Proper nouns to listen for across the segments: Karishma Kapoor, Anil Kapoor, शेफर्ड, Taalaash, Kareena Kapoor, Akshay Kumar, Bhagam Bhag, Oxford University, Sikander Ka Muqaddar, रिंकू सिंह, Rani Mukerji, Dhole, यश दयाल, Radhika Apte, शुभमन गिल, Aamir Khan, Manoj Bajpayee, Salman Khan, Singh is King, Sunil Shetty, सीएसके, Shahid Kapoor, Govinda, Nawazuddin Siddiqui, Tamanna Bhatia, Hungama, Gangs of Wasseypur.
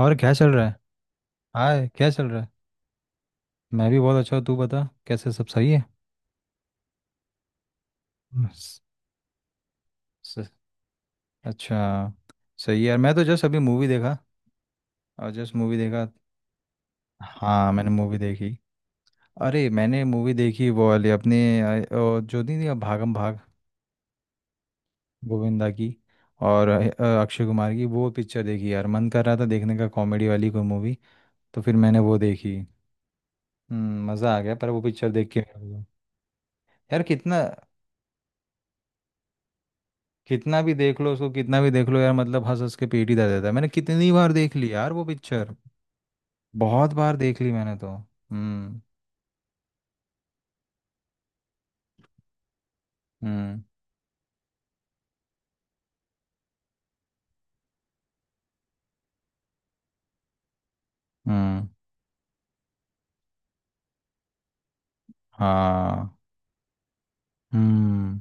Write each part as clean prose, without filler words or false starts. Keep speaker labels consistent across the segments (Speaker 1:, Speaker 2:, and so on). Speaker 1: और क्या चल रहा है। हाय, क्या चल रहा है। मैं भी बहुत अच्छा हूँ, तू बता कैसे, सब सही है। बस, स- अच्छा, सही है यार। मैं तो जस्ट अभी मूवी देखा और जस्ट मूवी देखा। हाँ, मैंने मूवी देखी। अरे मैंने मूवी देखी वो वाली अपने अ, जो नहीं थी, भागम भाग, गोविंदा की और अक्षय कुमार की वो पिक्चर देखी यार। मन कर रहा था देखने का कॉमेडी वाली कोई मूवी, तो फिर मैंने वो देखी। हम्म, मज़ा आ गया पर वो पिक्चर देख के। यार कितना, कितना भी देख लो उसको, कितना भी देख लो यार, मतलब हंस हंस के पेट ही दर्द रहता है। मैंने कितनी बार देख ली यार वो पिक्चर, बहुत बार देख ली मैंने तो। हम्म। हम्म। हम्म। हाँ। हम्म।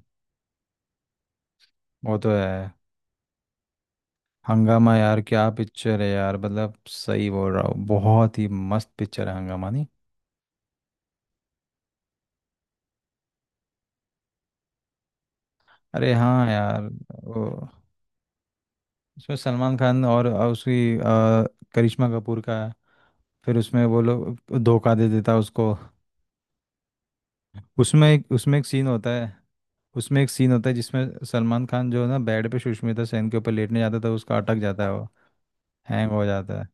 Speaker 1: वो तो है। हंगामा यार क्या पिक्चर है यार, मतलब सही बोल रहा हूँ, बहुत ही मस्त पिक्चर है हंगामा, नहीं? अरे हाँ यार, वो, उसमें सलमान खान और उसकी करिश्मा कपूर का है। फिर उसमें वो लोग धोखा दे देता है उसको। उसमें एक सीन होता है, उसमें एक सीन होता है जिसमें सलमान खान जो है ना, बेड पे सुष्मिता सेन के ऊपर लेटने जाता है तो उसका अटक जाता है, वो हैंग हो जाता है।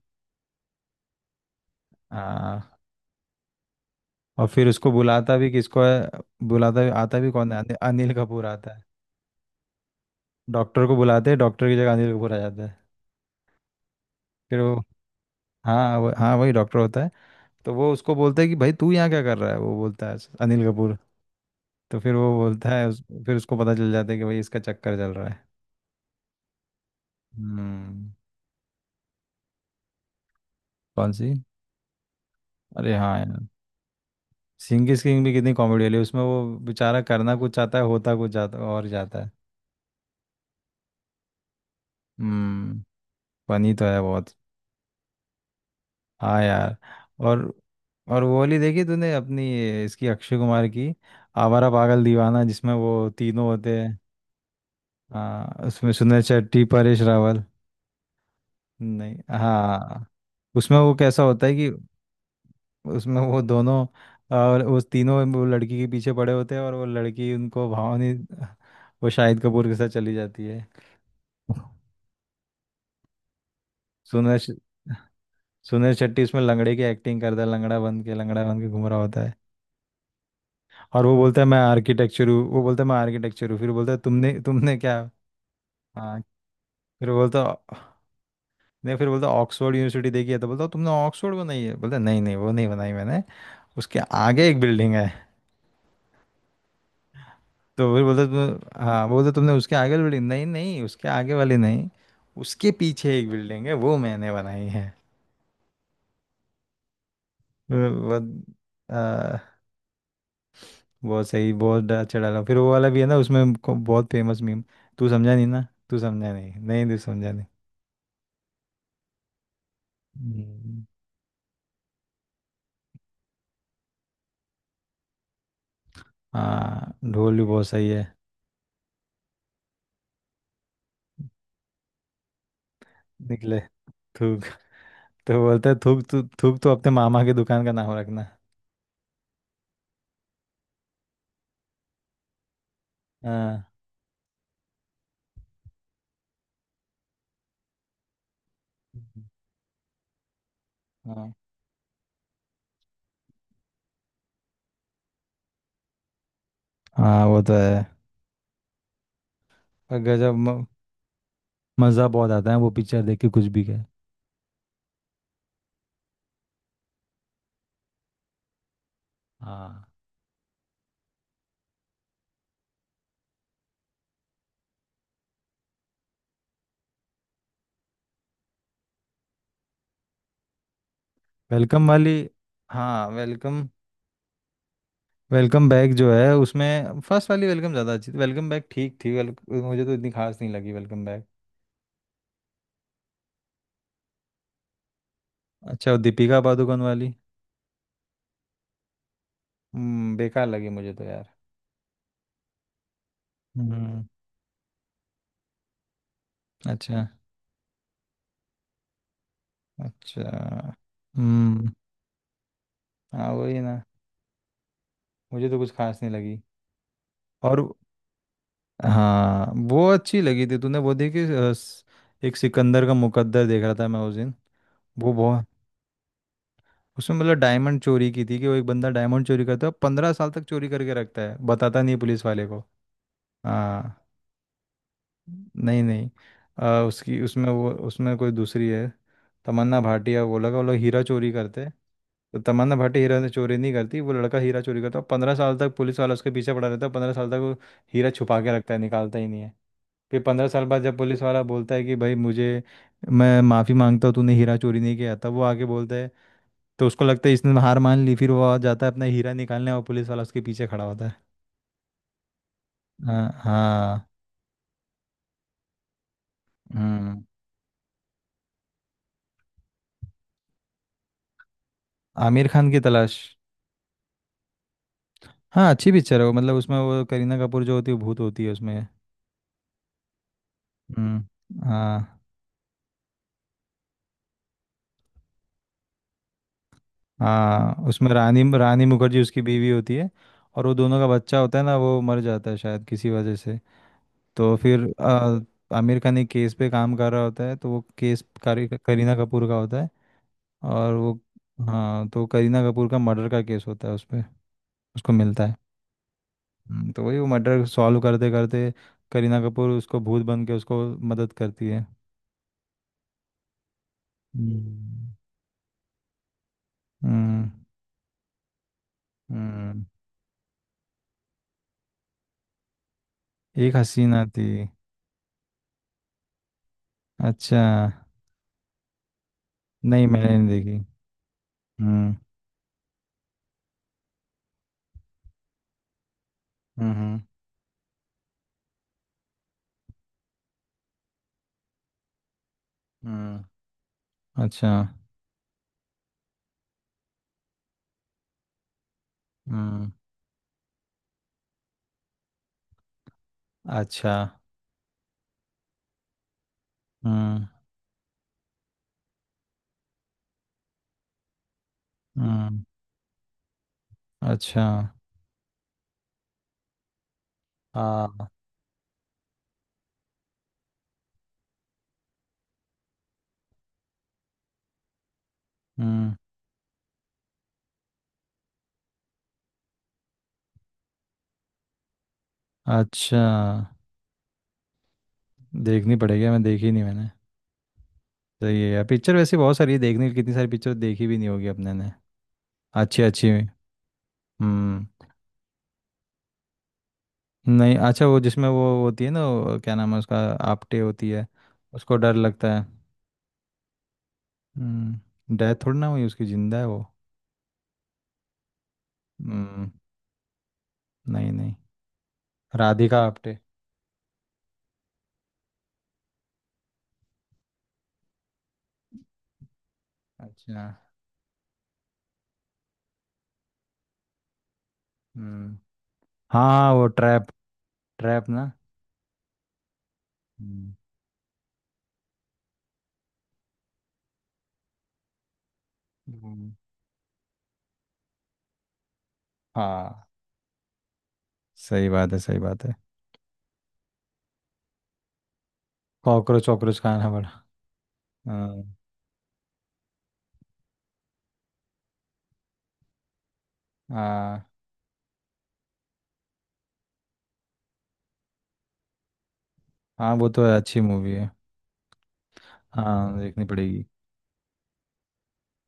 Speaker 1: हाँ। और फिर उसको बुलाता भी किसको है, बुलाता भी आता भी कौन है, अनिल कपूर आता है। डॉक्टर को बुलाते हैं, डॉक्टर की जगह अनिल कपूर आ जाता है। फिर वो हाँ वही डॉक्टर होता है। तो वो उसको बोलता है कि भाई तू यहाँ क्या कर रहा है, वो बोलता है अनिल कपूर। तो फिर वो बोलता है फिर उसको पता चल जाता है कि भाई इसका चक्कर चल रहा है। हम्म। कौन सी? अरे हाँ यार, सिंह की किंग भी कितनी कॉमेडी वाली है। उसमें वो बेचारा करना कुछ चाहता है, होता कुछ जाता और जाता है। हम्म। फनी तो है बहुत। हाँ यार। और और वो वाली देखी तूने अपनी इसकी अक्षय कुमार की, आवारा पागल दीवाना, जिसमें वो तीनों होते हैं। हाँ, उसमें सुनील शेट्टी, परेश रावल, नहीं हाँ। उसमें वो कैसा होता है कि उसमें वो दोनों और उस तीनों वो लड़की के पीछे पड़े होते हैं, और वो लड़की उनको भावनी, वो शाहिद कपूर के साथ चली जाती है। सुनील सुनील शेट्टी इसमें लंगड़े की एक्टिंग करता है, लंगड़ा बन के, लंगड़ा बन के घूम रहा होता है। और वो बोलता है मैं आर्किटेक्चर हूँ, वो बोलता है मैं आर्किटेक्चर हूँ, फिर बोलता है तुमने, तुमने क्या? हाँ। फिर बोलता नहीं, फिर बोलता ऑक्सफोर्ड यूनिवर्सिटी देखी है, तो बोलता तुमने ऑक्सफोर्ड बनाई है, बोलता नहीं नहीं वो नहीं बनाई मैंने, उसके आगे एक बिल्डिंग है। तो फिर बोलता तुम, हाँ बोलता तुमने उसके आगे वाली बिल्डिंग, नहीं नहीं उसके आगे वाली नहीं, उसके पीछे एक बिल्डिंग है, वो मैंने बनाई है। वो वो, बहुत सही, बहुत अच्छा डाला। फिर वो वाला भी है ना उसमें बहुत फेमस मीम, तू समझा नहीं ना, तू समझा नहीं, नहीं तू समझा नहीं। हम्म, हाँ, ढोल भी बहुत सही है। निकले। थूक। तो बोलता है थूक, तू थूक तो अपने मामा की दुकान का नाम रखना। हाँ। हम्म। हाँ हाँ, वो तो है। और गजब म- मज़ा बहुत आता है वो पिक्चर देख के, कुछ भी कहे। हाँ। वेलकम वाली, हाँ वेलकम। वेलकम बैक जो है, उसमें फर्स्ट वाली वेलकम ज़्यादा अच्छी थी, वेलकम बैक ठीक थी, वेल मुझे तो इतनी खास नहीं लगी वेलकम बैक। अच्छा, वो दीपिका पादुकोण वाली। हम्म, बेकार लगी मुझे तो यार। हम्म। अच्छा। अच्छा। हम्म। हाँ वही ना, मुझे तो कुछ खास नहीं लगी। और हाँ, वो अच्छी लगी थी तूने वो देखी एक सिकंदर का मुकद्दर देख रहा था मैं उस दिन। वो बहुत, उसमें मतलब डायमंड चोरी की थी, कि वो एक बंदा डायमंड चोरी करता है, 15 साल तक चोरी करके रखता है, बताता नहीं पुलिस वाले को। हाँ। नहीं नहीं, उसकी उसमें वो, उसमें कोई दूसरी है, तमन्ना भाटिया, वो लगा वो लोग हीरा चोरी करते हैं। तो तमन्ना भाटी हीरा ने चोरी नहीं करती, वो लड़का हीरा चोरी करता है 15 साल तक, पुलिस वाला उसके पीछे पड़ा रहता है 15 साल तक, वो हीरा छुपा के रखता है, निकालता ही नहीं है। फिर 15 साल बाद जब पुलिस वाला बोलता है कि भाई मुझे, मैं माफ़ी मांगता हूँ, तूने हीरा चोरी नहीं किया, तब वो आके बोलता है, तो उसको लगता है इसने हार मान ली, फिर वो आ जाता है अपना हीरा निकालने और पुलिस वाला उसके पीछे खड़ा होता है। हाँ हाँ। हम्म। आमिर खान की तलाश। हाँ अच्छी पिक्चर है वो, मतलब उसमें वो करीना कपूर जो होती है, भूत होती है उसमें। हाँ। हाँ, उसमें रानी रानी मुखर्जी उसकी बीवी होती है, और वो दोनों का बच्चा होता है ना, वो मर जाता है शायद किसी वजह से। तो फिर आमिर खान एक केस पे काम कर रहा होता है, तो वो केस करीना कपूर का होता है, और वो, हाँ तो करीना कपूर का मर्डर का केस होता है उस पे, उसको मिलता है। तो वही वो मर्डर सॉल्व करते करते करीना कपूर उसको भूत बन के उसको मदद करती है। हम्म। हम्म। हम्म, एक हसीना थी। अच्छा, नहीं मैंने नहीं देखी। हम्म। हम्म। हम्म। हम्म। अच्छा। हम्म। अच्छा। हम्म। हम्म। अच्छा। हाँ। हम्म। अच्छा, देखनी पड़ेगी, मैं देखी नहीं मैंने। सही है यार, पिक्चर वैसे बहुत सारी है देखने की, कितनी सारी पिक्चर देखी भी नहीं होगी अपने ने, अच्छी अच्छी भी। हम्म। नहीं, अच्छा वो जिसमें वो होती है ना, वो क्या नाम है उसका, आपटे होती है, उसको डर लगता है। हम्म, डेथ थोड़ी ना हुई उसकी, जिंदा है वो। हम्म, नहीं नहीं, राधिका आपटे। अच्छा। हम्म। हाँ हाँ, वो ट्रैप, ट्रैप ना। हम्म, हम्म। हाँ, सही बात है, सही बात है। कॉकरोच वॉकरोच खाना पड़ा। हाँ। हाँ, हाँ वो तो अच्छी मूवी है। हाँ, देखनी पड़ेगी।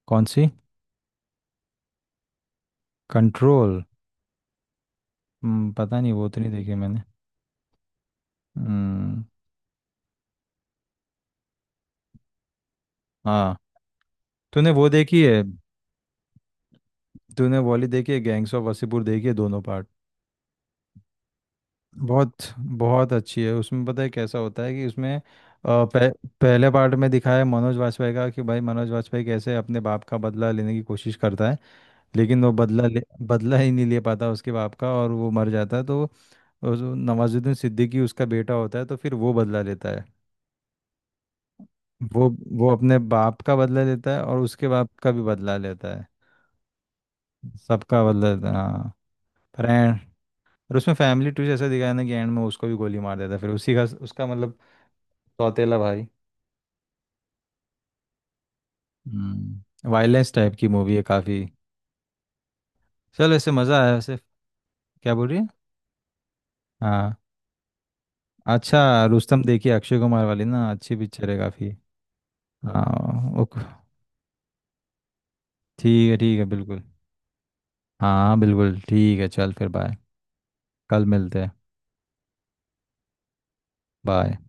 Speaker 1: कौन सी? कंट्रोल। हम्म, पता नहीं, वो तो नहीं देखी मैंने। हम्म। हाँ। तूने वो देखी है, तूने वाली देखी है गैंग्स ऑफ वासेपुर, देखी है दोनों पार्ट? बहुत बहुत अच्छी है। उसमें पता है कैसा होता है कि उसमें पह, पहले पार्ट में दिखाया है मनोज वाजपेयी का, कि भाई मनोज वाजपेयी कैसे अपने बाप का बदला लेने की कोशिश करता है, लेकिन वो बदला ही नहीं ले पाता उसके बाप का, और वो मर जाता है तो नवाजुद्दीन सिद्दीकी उसका बेटा होता है, तो फिर वो बदला लेता है। वो वो अपने बाप का बदला लेता है और उसके बाप का भी बदला लेता है, सबका बदला लेता है हाँ। फ्रेंड, और उसमें फैमिली टू जैसा दिखाया ना, कि एंड में उसको भी गोली मार देता है फिर उसी का, उसका मतलब सौतेला भाई। हम्म, वायलेंस टाइप की मूवी है काफ़ी। चल, वैसे मज़ा आया वैसे। क्या बोल रही है? हाँ। अच्छा, रुस्तम देखिए, अक्षय कुमार वाली ना, अच्छी पिक्चर है काफ़ी। हाँ ओके। ठीक है ठीक है, बिल्कुल। हाँ बिल्कुल ठीक है, चल फिर बाय। कल मिलते हैं। बाय।